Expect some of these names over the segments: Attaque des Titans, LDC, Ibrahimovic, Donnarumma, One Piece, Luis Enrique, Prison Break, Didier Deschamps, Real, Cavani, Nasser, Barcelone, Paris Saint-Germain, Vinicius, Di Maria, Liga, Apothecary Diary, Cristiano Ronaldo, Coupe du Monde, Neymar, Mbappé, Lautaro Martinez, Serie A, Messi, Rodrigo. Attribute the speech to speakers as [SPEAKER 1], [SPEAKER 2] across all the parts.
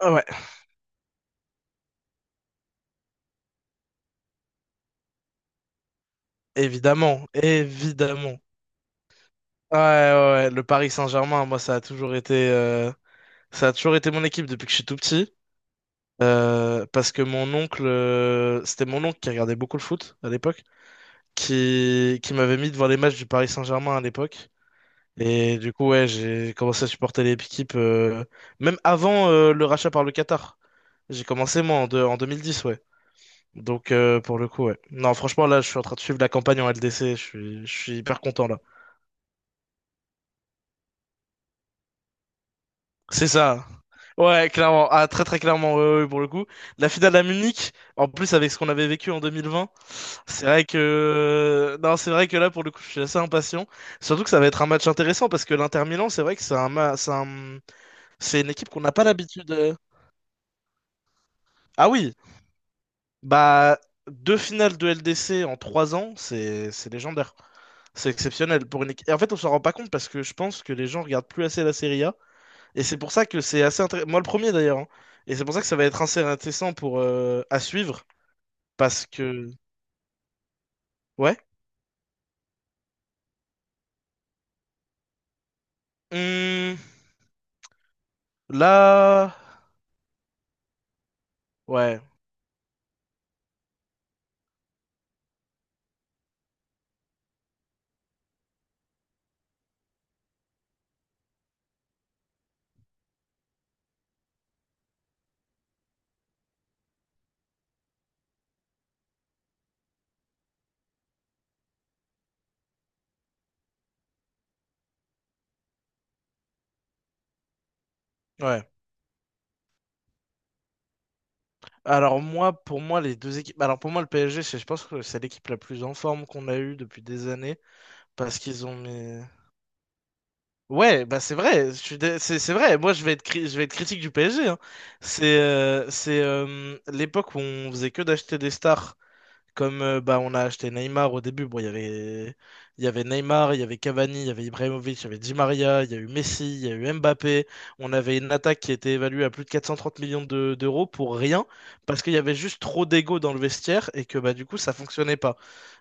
[SPEAKER 1] Ah ouais, évidemment, évidemment. Ouais, ouais, ouais, le Paris Saint-Germain, moi, ça a toujours été, ça a toujours été mon équipe depuis que je suis tout petit. Parce que mon oncle, c'était mon oncle qui regardait beaucoup le foot à l'époque, qui m'avait mis devant les matchs du Paris Saint-Germain à l'époque. Et du coup, ouais, j'ai commencé à supporter l'équipe, même avant, le rachat par le Qatar. J'ai commencé, moi, en, en 2010, ouais. Donc, pour le coup, ouais. Non, franchement, là, je suis en train de suivre la campagne en LDC. Je suis hyper content, là. C'est ça. Ouais, clairement. Ah, très très clairement, ouais, ouais, ouais, pour le coup. La finale à Munich, en plus avec ce qu'on avait vécu en 2020, Non, c'est vrai que là, pour le coup, je suis assez impatient. Surtout que ça va être un match intéressant parce que l'Inter Milan, c'est vrai que c'est un, ma- c'est un- c'est une équipe qu'on n'a pas l'habitude. Ah oui, bah, 2 finales de LDC en 3 ans, c'est légendaire. C'est exceptionnel pour une équipe. Et en fait, on s'en rend pas compte parce que je pense que les gens regardent plus assez la Serie A. Et c'est pour ça que c'est assez intéressant. Moi, le premier d'ailleurs, hein. Et c'est pour ça que ça va être assez intéressant pour à suivre. Parce que. Ouais. Hum, là. Ouais. Ouais. Alors, moi, pour moi, les deux équipes. Alors, pour moi, le PSG, je pense que c'est l'équipe la plus en forme qu'on a eue depuis des années. Parce qu'ils ont mis. Ouais, bah, c'est vrai. Je suis dé- c'est vrai. Moi, je vais être critique du PSG, hein. C'est l'époque où on faisait que d'acheter des stars. On a acheté Neymar au début, bon, il y avait Neymar, il y avait Cavani, il y avait Ibrahimovic, il y avait Di Maria, il y a eu Messi, il y a eu Mbappé. On avait une attaque qui était évaluée à plus de 430 millions d'euros pour rien, parce qu'il y avait juste trop d'ego dans le vestiaire et que bah, du coup, ça fonctionnait pas.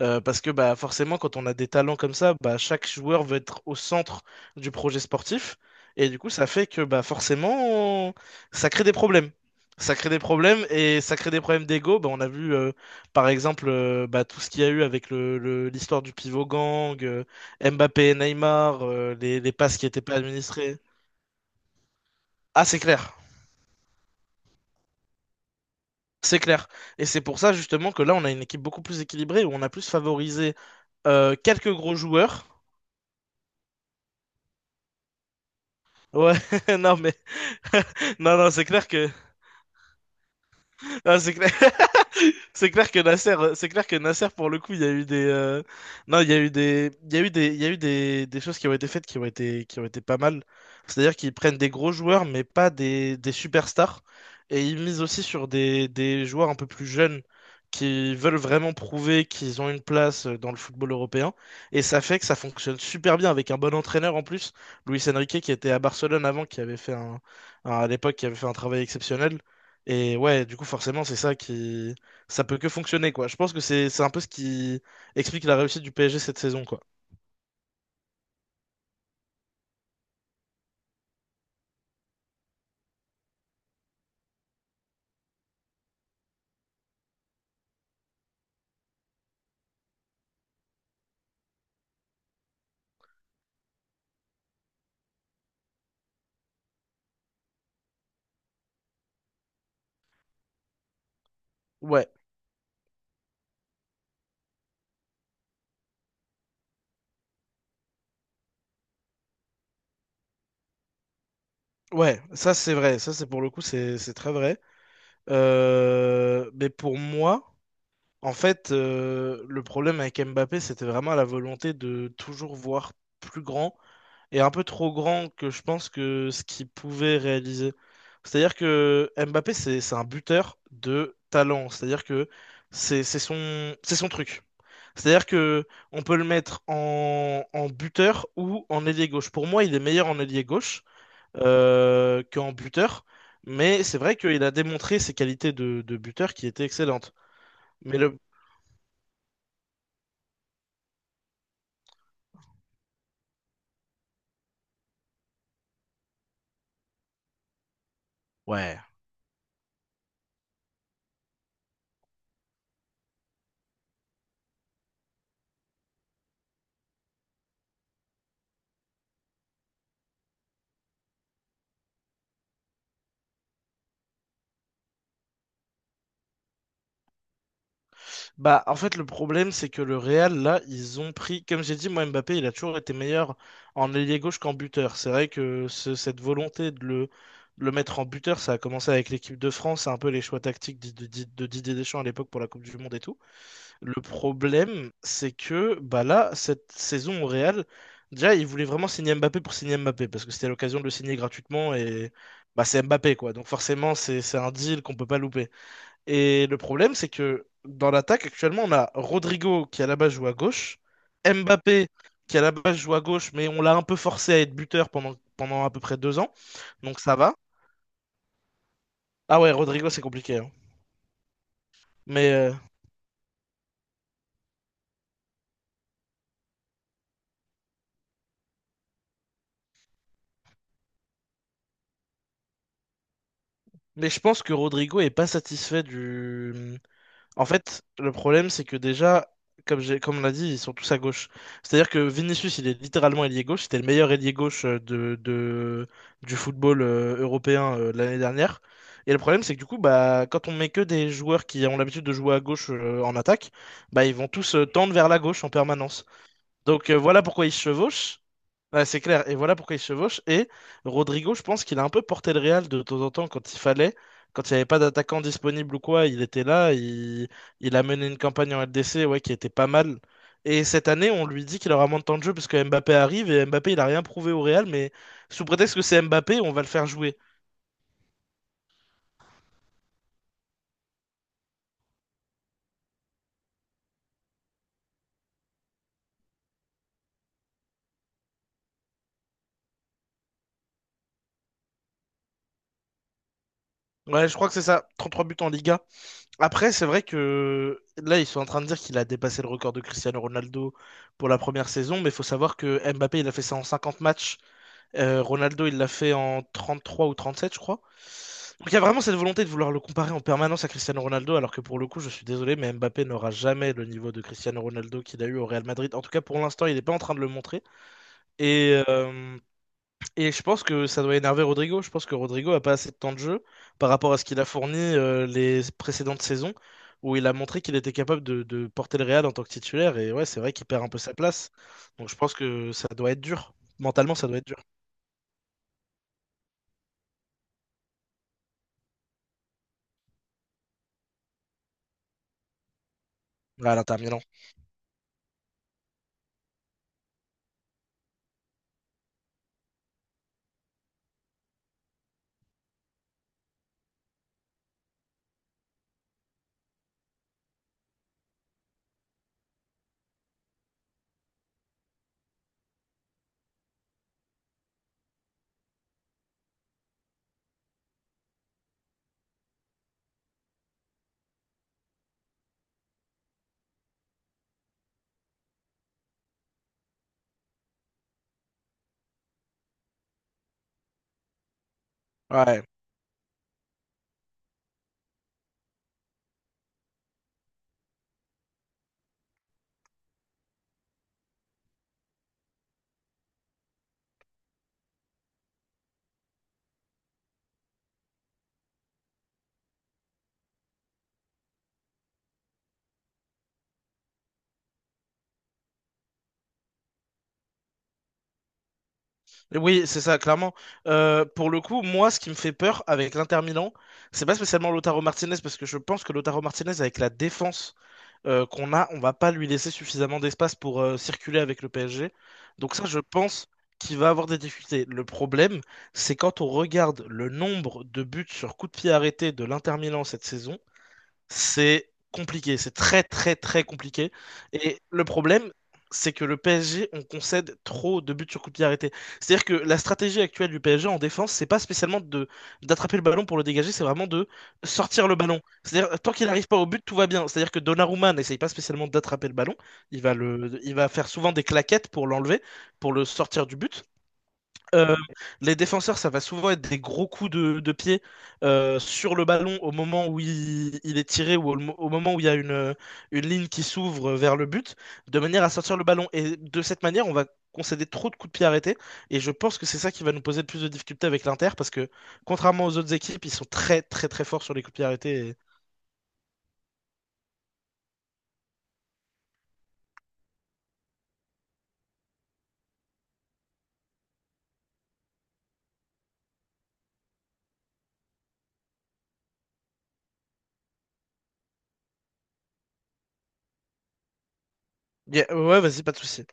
[SPEAKER 1] Parce que bah, forcément, quand on a des talents comme ça, bah, chaque joueur veut être au centre du projet sportif. Et du coup, ça fait que bah, forcément, ça crée des problèmes. Ça crée des problèmes et ça crée des problèmes d'ego. Bah, on a vu par exemple, bah, tout ce qu'il y a eu avec l'histoire du pivot gang, Mbappé et Neymar, les passes qui n'étaient pas administrées. Ah, c'est clair, c'est clair. Et c'est pour ça justement que là, on a une équipe beaucoup plus équilibrée, où on a plus favorisé quelques gros joueurs. Ouais, non mais non non c'est clair que non, c'est clair que Nasser, c'est clair que Nasser, pour le coup, il y a eu des, non, il y a eu des, il y a eu des, il y a eu des choses qui ont été faites qui ont été pas mal. C'est-à-dire qu'ils prennent des gros joueurs, mais pas des, des superstars, et ils misent aussi sur des joueurs un peu plus jeunes qui veulent vraiment prouver qu'ils ont une place dans le football européen. Et ça fait que ça fonctionne super bien avec un bon entraîneur en plus, Luis Enrique, qui était à Barcelone avant, qui avait fait un- à l'époque, qui avait fait un travail exceptionnel. Et ouais, du coup, forcément, c'est ça qui ça peut que fonctionner, quoi. Je pense que c'est un peu ce qui explique la réussite du PSG cette saison, quoi. Ouais, ouais, ça c'est vrai, ça c'est pour le coup, c'est très vrai. Mais pour moi, en fait, le problème avec Mbappé, c'était vraiment la volonté de toujours voir plus grand et un peu trop grand que je pense que ce qu'il pouvait réaliser. C'est-à-dire que Mbappé, c'est un buteur de talent, c'est-à-dire que c'est son truc. C'est-à-dire que on peut le mettre en, en buteur ou en ailier gauche. Pour moi, il est meilleur en ailier gauche qu'en buteur, mais c'est vrai qu'il a démontré ses qualités de buteur qui étaient excellentes. Mais le ouais. Bah en fait le problème c'est que le Real là, ils ont pris comme j'ai dit moi Mbappé, il a toujours été meilleur en ailier gauche qu'en buteur. C'est vrai que cette volonté de le mettre en buteur, ça a commencé avec l'équipe de France, c'est un peu les choix tactiques de Didier Deschamps à l'époque pour la Coupe du Monde et tout. Le problème, c'est que bah là, cette saison au Real, déjà, ils voulaient vraiment signer Mbappé pour signer Mbappé, parce que c'était l'occasion de le signer gratuitement et bah, c'est Mbappé, quoi. Donc forcément, c'est un deal qu'on peut pas louper. Et le problème, c'est que dans l'attaque, actuellement, on a Rodrigo qui à la base joue à gauche, Mbappé qui à la base joue à gauche, mais on l'a un peu forcé à être buteur pendant à peu près 2 ans, donc ça va. Ah ouais, Rodrigo, c'est compliqué, hein. Mais, je pense que Rodrigo est pas satisfait du En fait, le problème, c'est que déjà, comme on l'a dit, ils sont tous à gauche. C'est-à-dire que Vinicius, il est littéralement ailier gauche. C'était le meilleur ailier gauche du football européen de l'année dernière. Et le problème, c'est que du coup, bah, quand on met que des joueurs qui ont l'habitude de jouer à gauche en attaque, bah, ils vont tous tendre vers la gauche en permanence. Donc voilà pourquoi ils se chevauchent. Ouais, c'est clair. Et voilà pourquoi il se chevauche. Et Rodrigo, je pense qu'il a un peu porté le Real de temps en temps quand il fallait. Quand il n'y avait pas d'attaquant disponible ou quoi, il était là. Il a mené une campagne en LDC ouais, qui était pas mal. Et cette année, on lui dit qu'il aura moins de temps de jeu parce que Mbappé arrive et Mbappé, il a rien prouvé au Real. Mais sous prétexte que c'est Mbappé, on va le faire jouer. Ouais, je crois que c'est ça. 33 buts en Liga. Après, c'est vrai que là, ils sont en train de dire qu'il a dépassé le record de Cristiano Ronaldo pour la première saison. Mais il faut savoir que Mbappé, il a fait ça en 50 matchs. Ronaldo, il l'a fait en 33 ou 37, je crois. Donc il y a vraiment cette volonté de vouloir le comparer en permanence à Cristiano Ronaldo, alors que pour le coup, je suis désolé, mais Mbappé n'aura jamais le niveau de Cristiano Ronaldo qu'il a eu au Real Madrid. En tout cas, pour l'instant, il n'est pas en train de le montrer. Et, euh, et je pense que ça doit énerver Rodrigo. Je pense que Rodrigo a pas assez de temps de jeu par rapport à ce qu'il a fourni les précédentes saisons, où il a montré qu'il était capable de porter le Real en tant que titulaire. Et ouais, c'est vrai qu'il perd un peu sa place. Donc je pense que ça doit être dur. Mentalement, ça doit être dur. Là, à l'Inter Milan. Ouais. Oui, c'est ça, clairement. Pour le coup, moi, ce qui me fait peur avec l'Inter Milan, c'est pas spécialement Lautaro Martinez, parce que je pense que Lautaro Martinez, avec la défense qu'on a, on va pas lui laisser suffisamment d'espace pour circuler avec le PSG. Donc ça, je pense qu'il va avoir des difficultés. Le problème, c'est quand on regarde le nombre de buts sur coup de pied arrêté de l'Inter Milan cette saison, c'est compliqué, c'est très très très compliqué. Et le problème, c'est que le PSG, on concède trop de buts sur coup de pied arrêté. C'est-à-dire que la stratégie actuelle du PSG en défense, c'est pas spécialement de d'attraper le ballon pour le dégager, c'est vraiment de sortir le ballon. C'est-à-dire tant qu'il n'arrive pas au but, tout va bien. C'est-à-dire que Donnarumma n'essaye pas spécialement d'attraper le ballon, il va faire souvent des claquettes pour l'enlever, pour le sortir du but. Euh, les défenseurs, ça va souvent être des gros coups de pied sur le ballon au moment où il est tiré ou au moment où il y a une ligne qui s'ouvre vers le but, de manière à sortir le ballon. Et de cette manière, on va concéder trop de coups de pied arrêtés. Et je pense que c'est ça qui va nous poser le plus de difficultés avec l'Inter, parce que contrairement aux autres équipes, ils sont très très très forts sur les coups de pied arrêtés. Ouais, vas-y, pas de souci.